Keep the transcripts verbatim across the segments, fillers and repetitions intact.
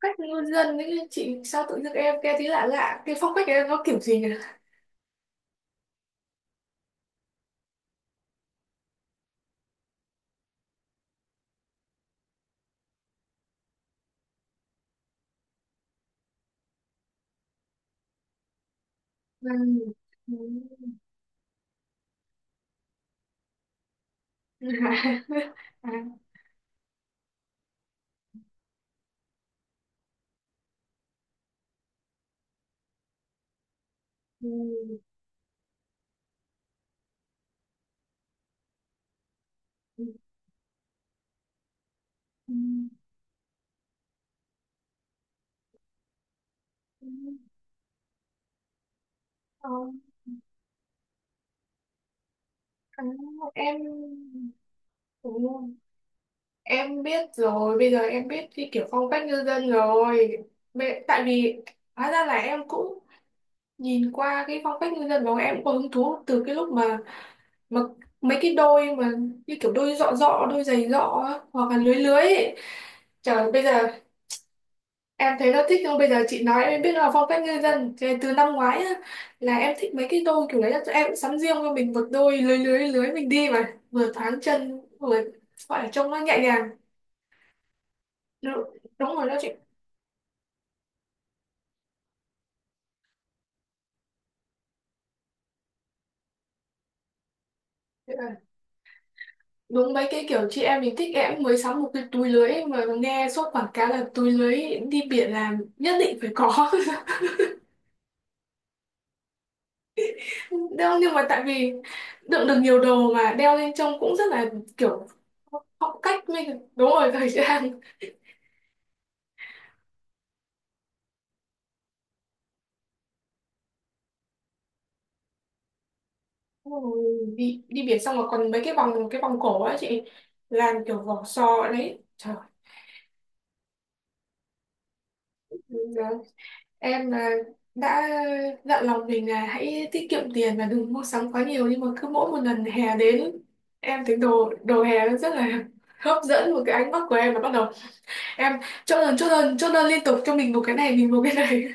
Cách ngôn dân ấy chị, sao tự dưng em nghe thấy lạ lạ, cái phong cách em nó kiểu gì nhỉ? Ừ. Ừ. À. À. Ừ. Ừ. Ừ. Ừ. Ờ, à, em ừ, em biết rồi, bây giờ em biết cái kiểu phong cách ngư dân rồi. Bệ- tại vì hóa ra là em cũng nhìn qua cái phong cách ngư dân đó, em cũng có hứng thú từ cái lúc mà mà mấy cái đôi mà như kiểu đôi dọ dọ, đôi giày dọ á, hoặc là lưới lưới ấy. Trời, bây giờ em thấy là thích, nhưng bây giờ chị nói em biết là phong cách ngư dân thế từ năm ngoái á, là em thích mấy cái đôi kiểu đấy, là tụi em cũng sắm riêng cho mình một đôi lưới lưới lưới mình đi mà vừa thoáng chân vừa gọi là trông nó nhẹ nhàng. Đúng, đúng rồi đó chị. Thế là đúng mấy cái kiểu chị em mình thích, em cũng mới sắm một cái túi lưới mà nghe suốt quảng cáo là túi lưới đi biển là nhất định phải có. Đeo nhưng mà tại vì đựng được nhiều đồ mà đeo lên trông cũng rất là kiểu phong cách mình, đúng rồi, thời trang. Ôi, đi đi biển xong mà còn mấy cái vòng cái vòng cổ á chị, làm kiểu vỏ sò đấy trời. Giờ em là đã dặn lòng mình là hãy tiết kiệm tiền và đừng mua sắm quá nhiều, nhưng mà cứ mỗi một lần hè đến em thấy đồ đồ hè nó rất là hấp dẫn, một cái ánh mắt của em là bắt đầu em chốt đơn chốt đơn chốt đơn liên tục, cho mình một cái này, mình một cái này.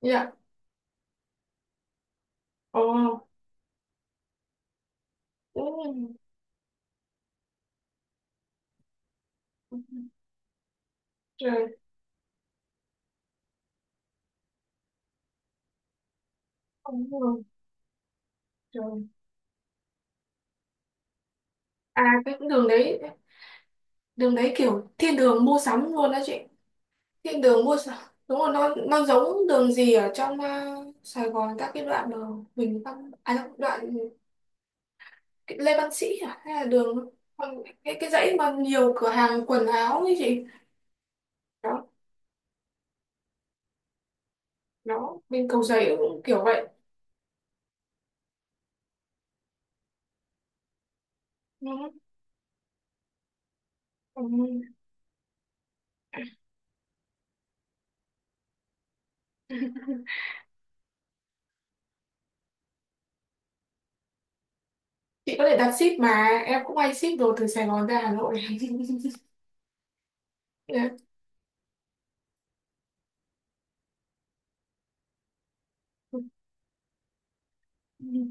Dạ. Ồ. Oh. Trời. Không, không. Trời. À cái đường đấy, đường đấy kiểu thiên đường mua sắm luôn đó chị, thiên đường mua sắm. Đúng rồi, nó nó giống đường gì ở trong à, Sài Gòn, các cái đoạn đường Huỳnh Văn à đâu, đoạn cái Lê Văn Sĩ à, hay là đường còn cái cái dãy mà nhiều cửa hàng quần áo ấy chị. Đó. Đó, bên Cầu Giấy cũng kiểu vậy. Ừ, ừ. Chị có thể đặt ship, mà em cũng hay ship đồ từ Sài Gòn ra Hà Nội. Yeah. Ừ.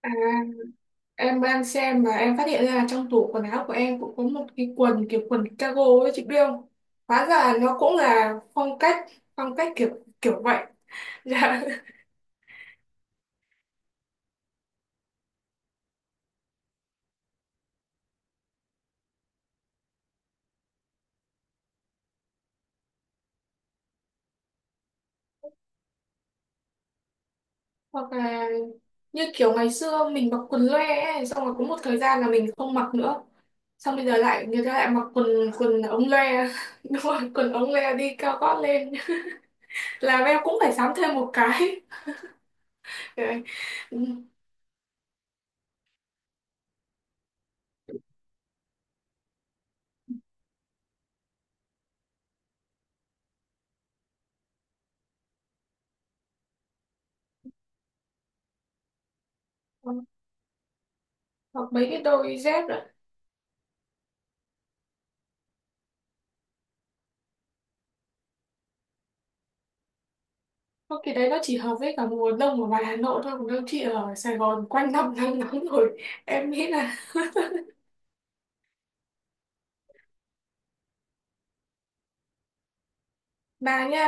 À, em đang xem và em phát hiện ra là trong tủ quần áo của em cũng có một cái quần kiểu quần cargo ấy, chị biết không? Hóa ra nó cũng là phong cách, phong cách kiểu, kiểu vậy. Dạ. Hoặc là như kiểu ngày xưa mình mặc quần loe ấy, xong rồi có một thời gian là mình không mặc nữa, xong bây giờ lại người ta lại mặc quần, quần ống loe. Đúng rồi, quần ống loe đi cao gót lên. Làm em cũng phải sắm thêm một cái. Đấy. Ừ. Hoặc mấy cái đôi dép. Không, cái đấy nó chỉ hợp với cả mùa đông ở ngoài Hà Nội thôi, còn đâu chị ở Sài Gòn quanh năm nắng nóng rồi, em nghĩ là mà nha.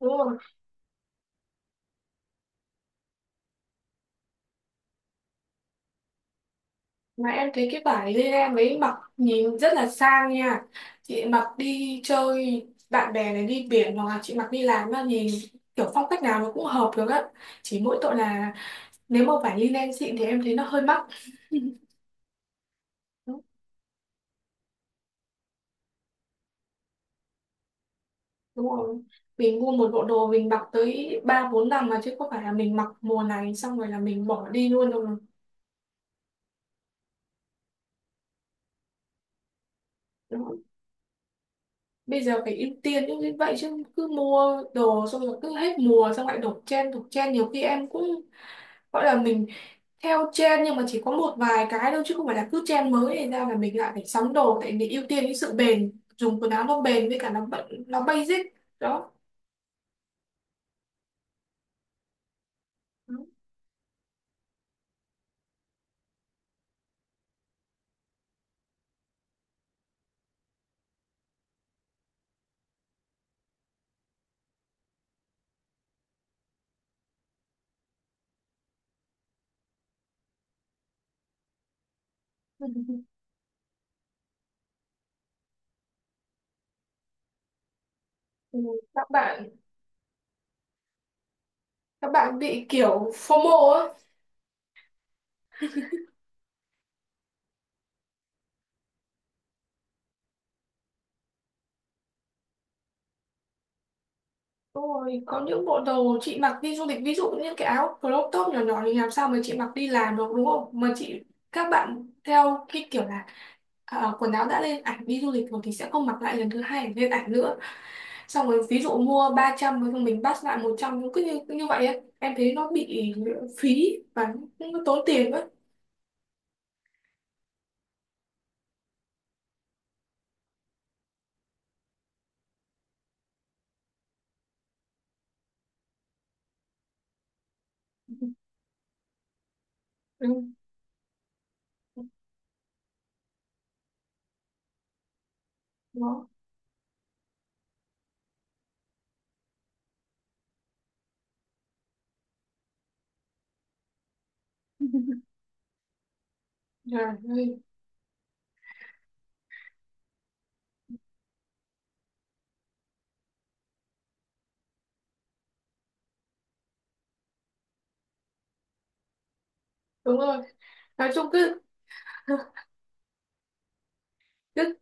Đúng rồi, mà em thấy cái vải lê mấy mặc nhìn rất là sang nha, chị mặc đi chơi bạn bè này, đi biển, hoặc là chị mặc đi làm mà nhìn kiểu phong cách nào nó cũng hợp được á, chỉ mỗi tội là nếu mà vải linen xịn thì em thấy nó hơi mắc. Đúng, đúng rồi, mình mua một bộ đồ mình mặc tới ba bốn năm mà, chứ không phải là mình mặc mùa này xong rồi là mình bỏ đi luôn đâu mà. Bây giờ phải ưu tiên những cái vậy, chứ cứ mua đồ xong rồi cứ hết mùa xong lại đổ trend đổ trend, nhiều khi em cũng gọi là mình theo trend, nhưng mà chỉ có một vài cái thôi, chứ không phải là cứ trend mới này ra là mình lại phải sắm đồ, tại vì ưu tiên cái sự bền, dùng quần áo nó bền với cả nó bận nó basic. Đó. Ừ. Các bạn, các bạn bị kiểu phô FOMO á. Đúng rồi, có những bộ đồ chị mặc đi du lịch, ví dụ như cái áo crop top nhỏ nhỏ thì làm sao mà chị mặc đi làm được, đúng không? Mà chị các bạn theo cái kiểu là ờ, quần áo đã lên ảnh đi du lịch rồi thì sẽ không mặc lại lần thứ hai để lên ảnh nữa. Xong rồi ví dụ mua ba trăm rồi mình bắt lại một trăm, cũng cứ như, cứ như vậy ấy. Em thấy nó bị phí và cũng tốn tiền ấy. Ừ. Đó. Trời ơi. Đúng rồi. Nói chung cứ cứ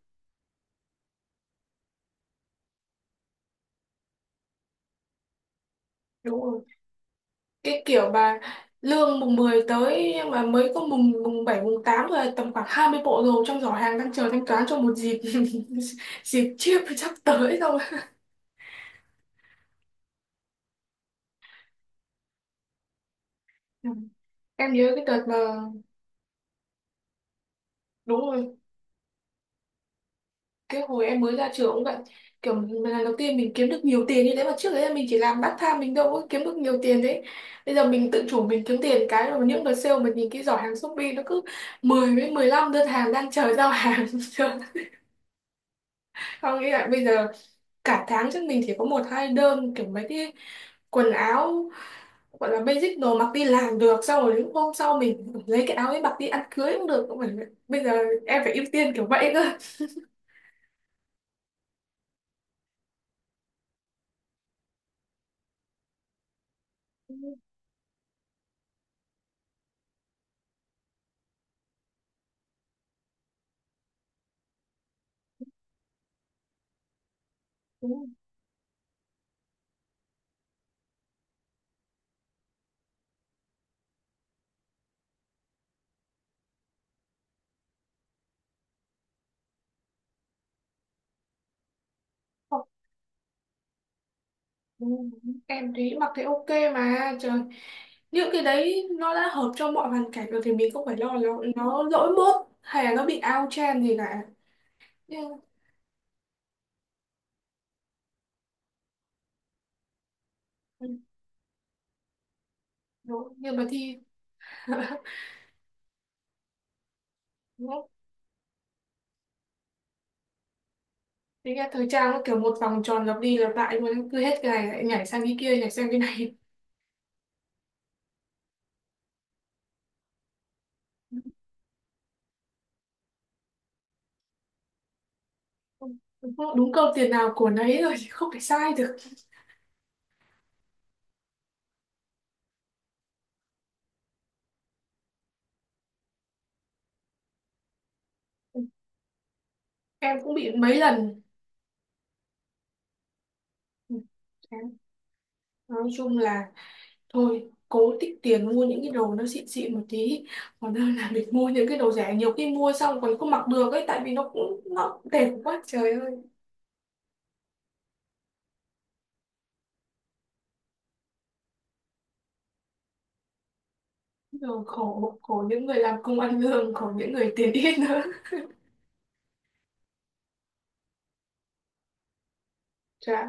đúng rồi. Cái kiểu mà lương mùng mười tới nhưng mà mới có mùng mùng bảy mùng tám thôi, tầm khoảng hai mươi bộ đồ trong giỏ hàng đang chờ thanh toán cho một dịp. Dịp chiếp sắp tới rồi. Ừ. Em nhớ cái đợt mà đúng rồi, cái hồi em mới ra trường cũng vậy, kiểu mình- lần đầu tiên mình kiếm được nhiều tiền như thế, mà trước đấy là mình chỉ làm part time mình đâu có kiếm được nhiều tiền đấy. Bây giờ mình tự chủ mình kiếm tiền cái, rồi những đợt sale mình nhìn cái giỏ hàng Shopee nó cứ mười với mười lăm đơn hàng đang chờ giao hàng. Chưa. Không, nghĩ lại bây giờ cả tháng chắc mình chỉ có một hai đơn, kiểu mấy cái quần áo gọi là basic, đồ mặc đi làm được, xong rồi những hôm sau mình lấy cái áo ấy mặc đi ăn cưới cũng được. Cũng phải- bây giờ em phải ưu tiên kiểu vậy cơ. Ừ, không, ừ, em thấy mặc thấy ok mà trời, những cái đấy nó đã hợp cho mọi hoàn cảnh rồi thì mình không phải lo nó nó lỗi mốt hay là nó bị out trend gì cả. Nhưng ừ, đúng, nhưng mà thì đúng không? Thế nghe thời trang nó kiểu một vòng tròn lặp đi lặp lại luôn, cứ hết cái này lại nhảy sang cái kia, nhảy sang cái này. Đúng câu, đúng câu tiền nào của nấy rồi, chứ không thể sai được. Em cũng bị mấy lần. Ừ, nói chung là thôi cố tích tiền mua những cái đồ nó xịn xịn một tí, còn hơn là mình mua những cái đồ rẻ, nhiều khi mua xong còn không mặc được ấy, tại vì nó cũng nó đẹp quá trời ơi. Rồi khổ, khổ những người làm công ăn lương, khổ những người tiền ít nữa. Chả